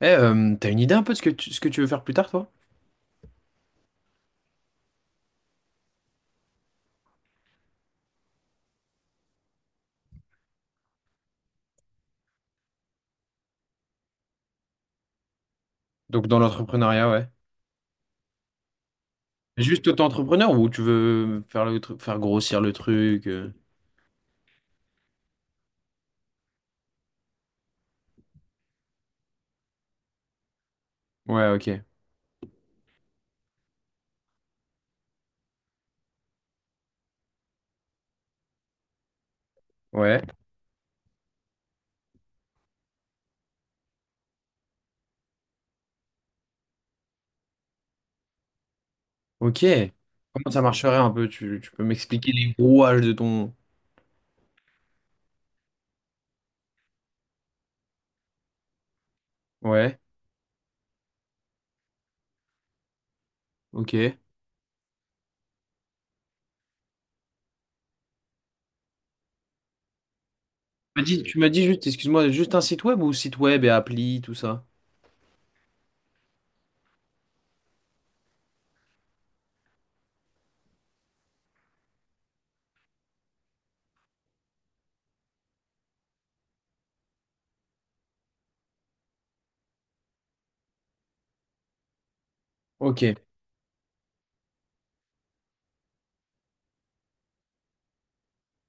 T'as une idée un peu de ce que tu veux faire plus tard, toi? Donc dans l'entrepreneuriat, ouais. Juste auto-entrepreneur ou tu veux faire faire grossir le truc? Ouais, ok. Ouais. Ok. Comment ça marcherait un peu? Tu peux m'expliquer les rouages de ton... Ouais, ok. Tu m'as dit juste, excuse-moi, juste un site web ou site web et appli, tout ça? Ok.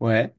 Ouais.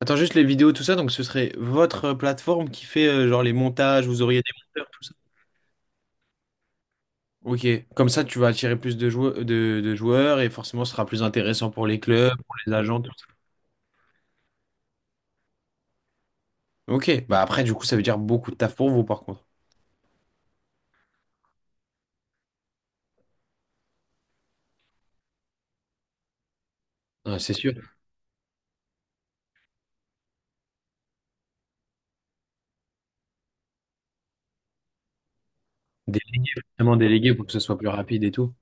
Attends, juste les vidéos, tout ça, donc ce serait votre plateforme qui fait genre les montages, vous auriez des monteurs, tout ça? Ok, comme ça tu vas attirer plus de joueurs, de joueurs, et forcément ce sera plus intéressant pour les clubs, pour les agents, tout ça. Ok, bah après du coup ça veut dire beaucoup de taf pour vous par contre. Ouais, c'est sûr. Dé- Vraiment délégué pour que ce soit plus rapide et tout.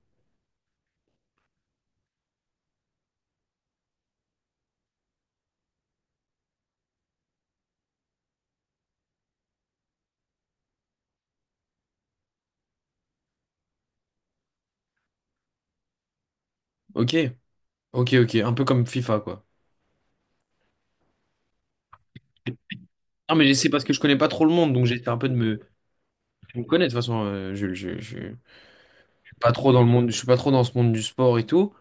Ok, ok, ok, un peu comme FIFA quoi. Non mais c'est parce que je connais pas trop le monde, donc j'essaie un peu de me connaître de toute façon. Je suis pas trop dans le monde, je suis pas trop dans ce monde du sport et tout.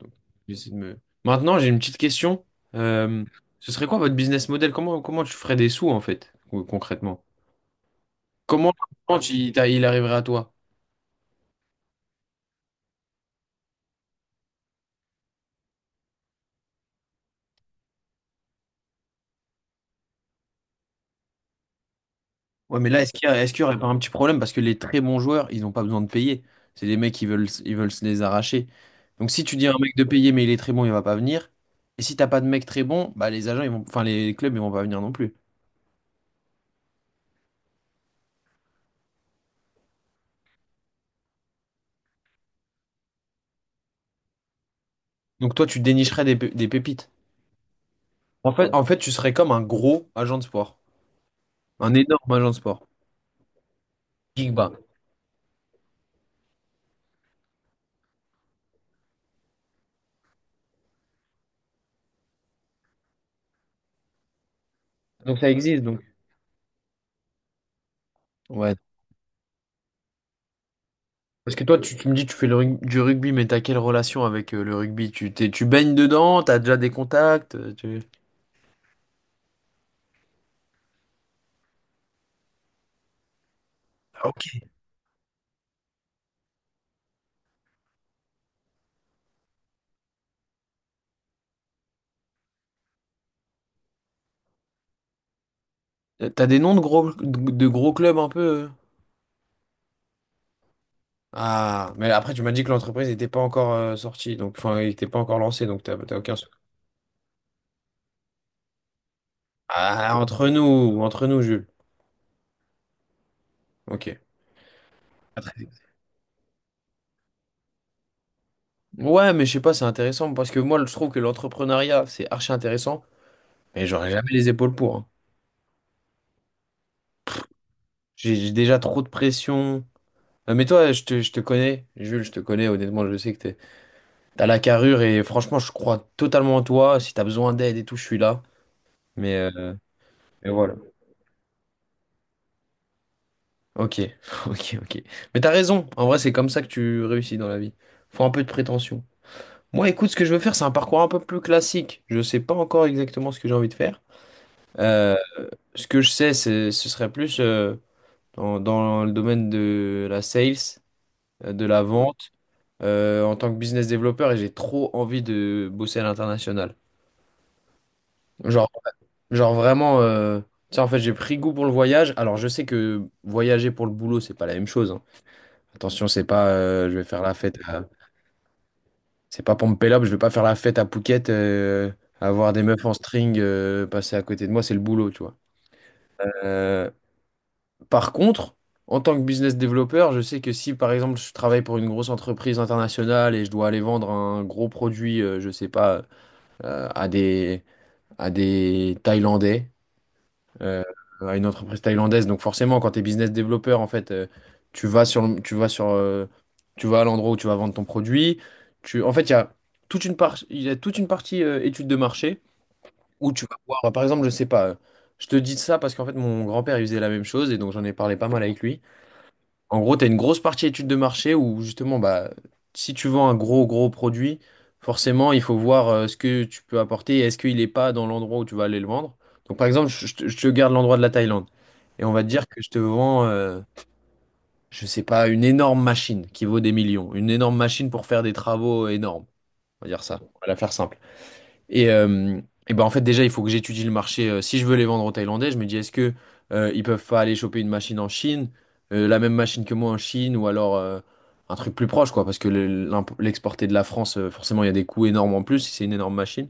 Donc, j'essaie de me. Maintenant j'ai une petite question. Euh, Ce serait quoi votre business model? Comment tu ferais des sous en fait concrètement? Comment comment il arriverait à toi? Ouais, mais là, est-ce qu'il y aurait pas un petit problème? Parce que les très bons joueurs, ils n'ont pas besoin de payer. C'est des mecs qui veulent, ils veulent se les arracher. Donc si tu dis à un mec de payer, mais il est très bon, il va pas venir. Et si t'as pas de mec très bon, bah les agents, ils vont, enfin les clubs, ils vont pas venir non plus. Donc toi, tu dénicherais des pépites. En fait, tu serais comme un gros agent de sport. Un énorme agent de sport. Big Bang. Donc ça existe, donc. Ouais. Parce que toi, tu me dis, tu fais du rugby, mais t'as quelle relation avec le rugby? Tu baignes dedans, t'as déjà des contacts. Ok. T'as des noms de gros clubs un peu. Ah, mais après, tu m'as dit que l'entreprise n'était pas encore sortie, donc enfin, il n'était pas encore lancé, donc t'as aucun. Ah, entre nous, Jules. Ok. Pas très- Ouais, mais je sais pas, c'est intéressant parce que moi, je trouve que l'entrepreneuriat, c'est archi intéressant, mais j'aurais jamais les épaules pour, hein. J'ai déjà trop de pression. Mais toi, je te connais, Jules, je te connais, honnêtement, je sais que t'as la carrure, et franchement, je crois totalement en toi. Si t'as besoin d'aide et tout, je suis là. Mais, euh, mais voilà. Ok, ok, ok. Mais t'as raison, en vrai c'est comme ça que tu réussis dans la vie. Faut un peu de prétention. Moi écoute, ce que je veux faire c'est un parcours un peu plus classique. Je sais pas encore exactement ce que j'ai envie de faire. Euh, Ce que je sais c'est ce serait plus dans le domaine de la sales, de la vente, en tant que business développeur, et j'ai trop envie de bosser à l'international. Genre, genre, vraiment, tu sais, en fait j'ai pris goût pour le voyage. Alors je sais que voyager pour le boulot c'est pas la même chose, hein. Attention, c'est pas je vais faire la fête à... C'est pas pour me pélo, je vais pas faire la fête à Phuket, avoir des meufs en string passer à côté de moi, c'est le boulot, tu vois. Euh, Par contre, en tant que business développeur, je sais que si par exemple je travaille pour une grosse entreprise internationale et je dois aller vendre un gros produit, je sais pas, euh, à des à des Thaïlandais, euh, à une entreprise thaïlandaise. Donc forcément, quand tu es business développeur, en fait, tu vas sur, le- tu vas sur, tu vas à l'endroit où tu vas vendre ton produit. En fait, il y a il y a toute une partie étude de marché où tu vas voir, par exemple, je sais pas. Je te dis ça parce qu'en fait, mon grand-père, il faisait la même chose, et donc j'en ai parlé pas mal avec lui. En gros, tu as une grosse partie étude de marché où justement, bah, si tu vends un gros, gros produit, forcément, il faut voir ce que tu peux apporter et est-ce qu'il n'est pas dans l'endroit où tu vas aller le vendre. Donc, par exemple, je je te garde l'endroit de la Thaïlande, et on va te dire que je te vends, je sais pas, une énorme machine qui vaut des millions, une énorme machine pour faire des travaux énormes. On va dire ça, on va la faire simple. Et, euh, et ben en fait déjà il faut que j'étudie le marché. Si je veux les vendre aux Thaïlandais, je me dis est-ce que ils peuvent pas aller choper une machine en Chine, la même machine que moi en Chine, ou alors un truc plus proche quoi, parce que l'exporter de la France, forcément il y a des coûts énormes en plus si c'est une énorme machine.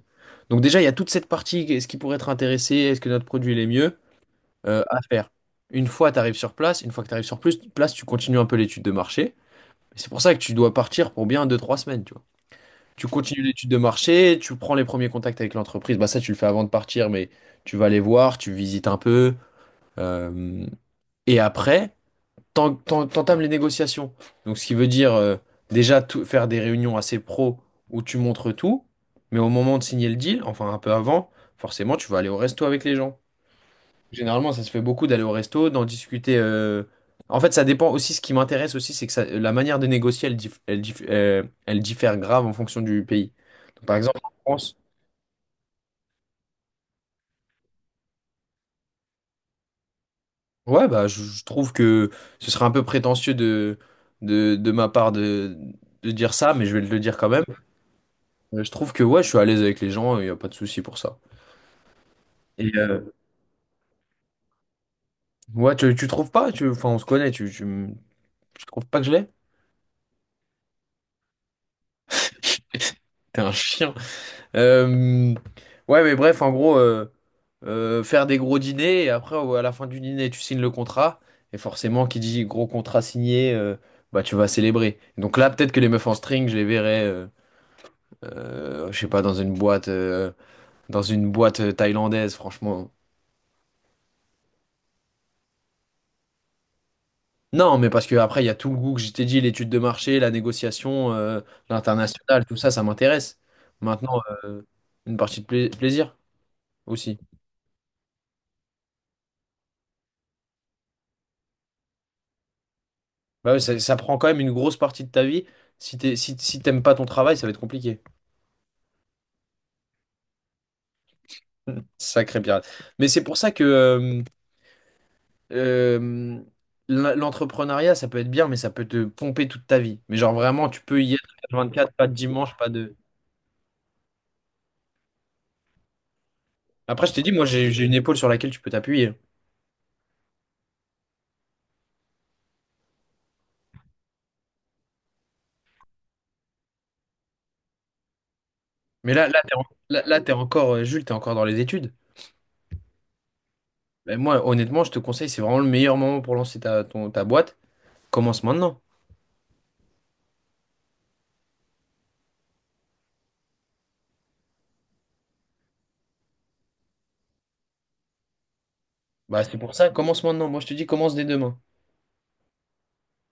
Donc déjà il y a toute cette partie, est-ce qu'ils pourraient être intéressés, est-ce que notre produit il est mieux à faire. Une fois tu arrives sur place, une fois que tu arrives sur plus place, tu continues un peu l'étude de marché. Et c'est pour ça que tu dois partir pour bien deux trois semaines, tu vois. Tu continues l'étude de marché, tu prends les premiers contacts avec l'entreprise. Bah ça, tu le fais avant de partir, mais tu vas les voir, tu visites un peu. euh, et après, t'entames les négociations. Donc, ce qui veut dire déjà faire des réunions assez pro où tu montres tout, mais au moment de signer le deal, enfin un peu avant, forcément, tu vas aller au resto avec les gens. Généralement, ça se fait beaucoup d'aller au resto, d'en discuter. En fait, ça dépend aussi. Ce qui m'intéresse aussi, c'est que la manière de négocier, elle, elle diffère grave en fonction du pays. Donc, par exemple, en France, ouais, bah, je trouve que ce serait un peu prétentieux de ma part de dire ça, mais je vais le dire quand même. Je trouve que ouais, je suis à l'aise avec les gens, il n'y a pas de souci pour ça. Et euh, ouais, tu trouves pas? Enfin, on se connaît, tu trouves pas que je l'ai? T'es un chien. Euh, ouais, mais bref, en gros, faire des gros dîners, et après, à la fin du dîner, tu signes le contrat, et forcément, qui dit gros contrat signé, bah tu vas célébrer. Donc là, peut-être que les meufs en string, je les verrais, je sais pas, dans une boîte thaïlandaise, franchement. Non, mais parce que après, il y a tout le goût que je t'ai dit, l'étude de marché, la négociation, l'international, tout ça, ça m'intéresse. Maintenant, une partie de plaisir aussi. Bah ouais, ça prend quand même une grosse partie de ta vie. Si t'aimes pas ton travail, ça va être compliqué. Sacré pirate. Mais c'est pour ça que euh, l'entrepreneuriat, ça peut être bien, mais ça peut te pomper toute ta vie. Mais genre vraiment, tu peux y être 24, pas de dimanche, pas de... Après, je t'ai dit, moi, j'ai une épaule sur laquelle tu peux t'appuyer. Mais là, là, t'es encore, Jules, t'es encore dans les études. Mais moi, honnêtement, je te conseille, c'est vraiment le meilleur moment pour lancer ta, ta boîte. Commence maintenant. Bah, c'est pour ça, commence maintenant. Moi, je te dis, commence dès demain.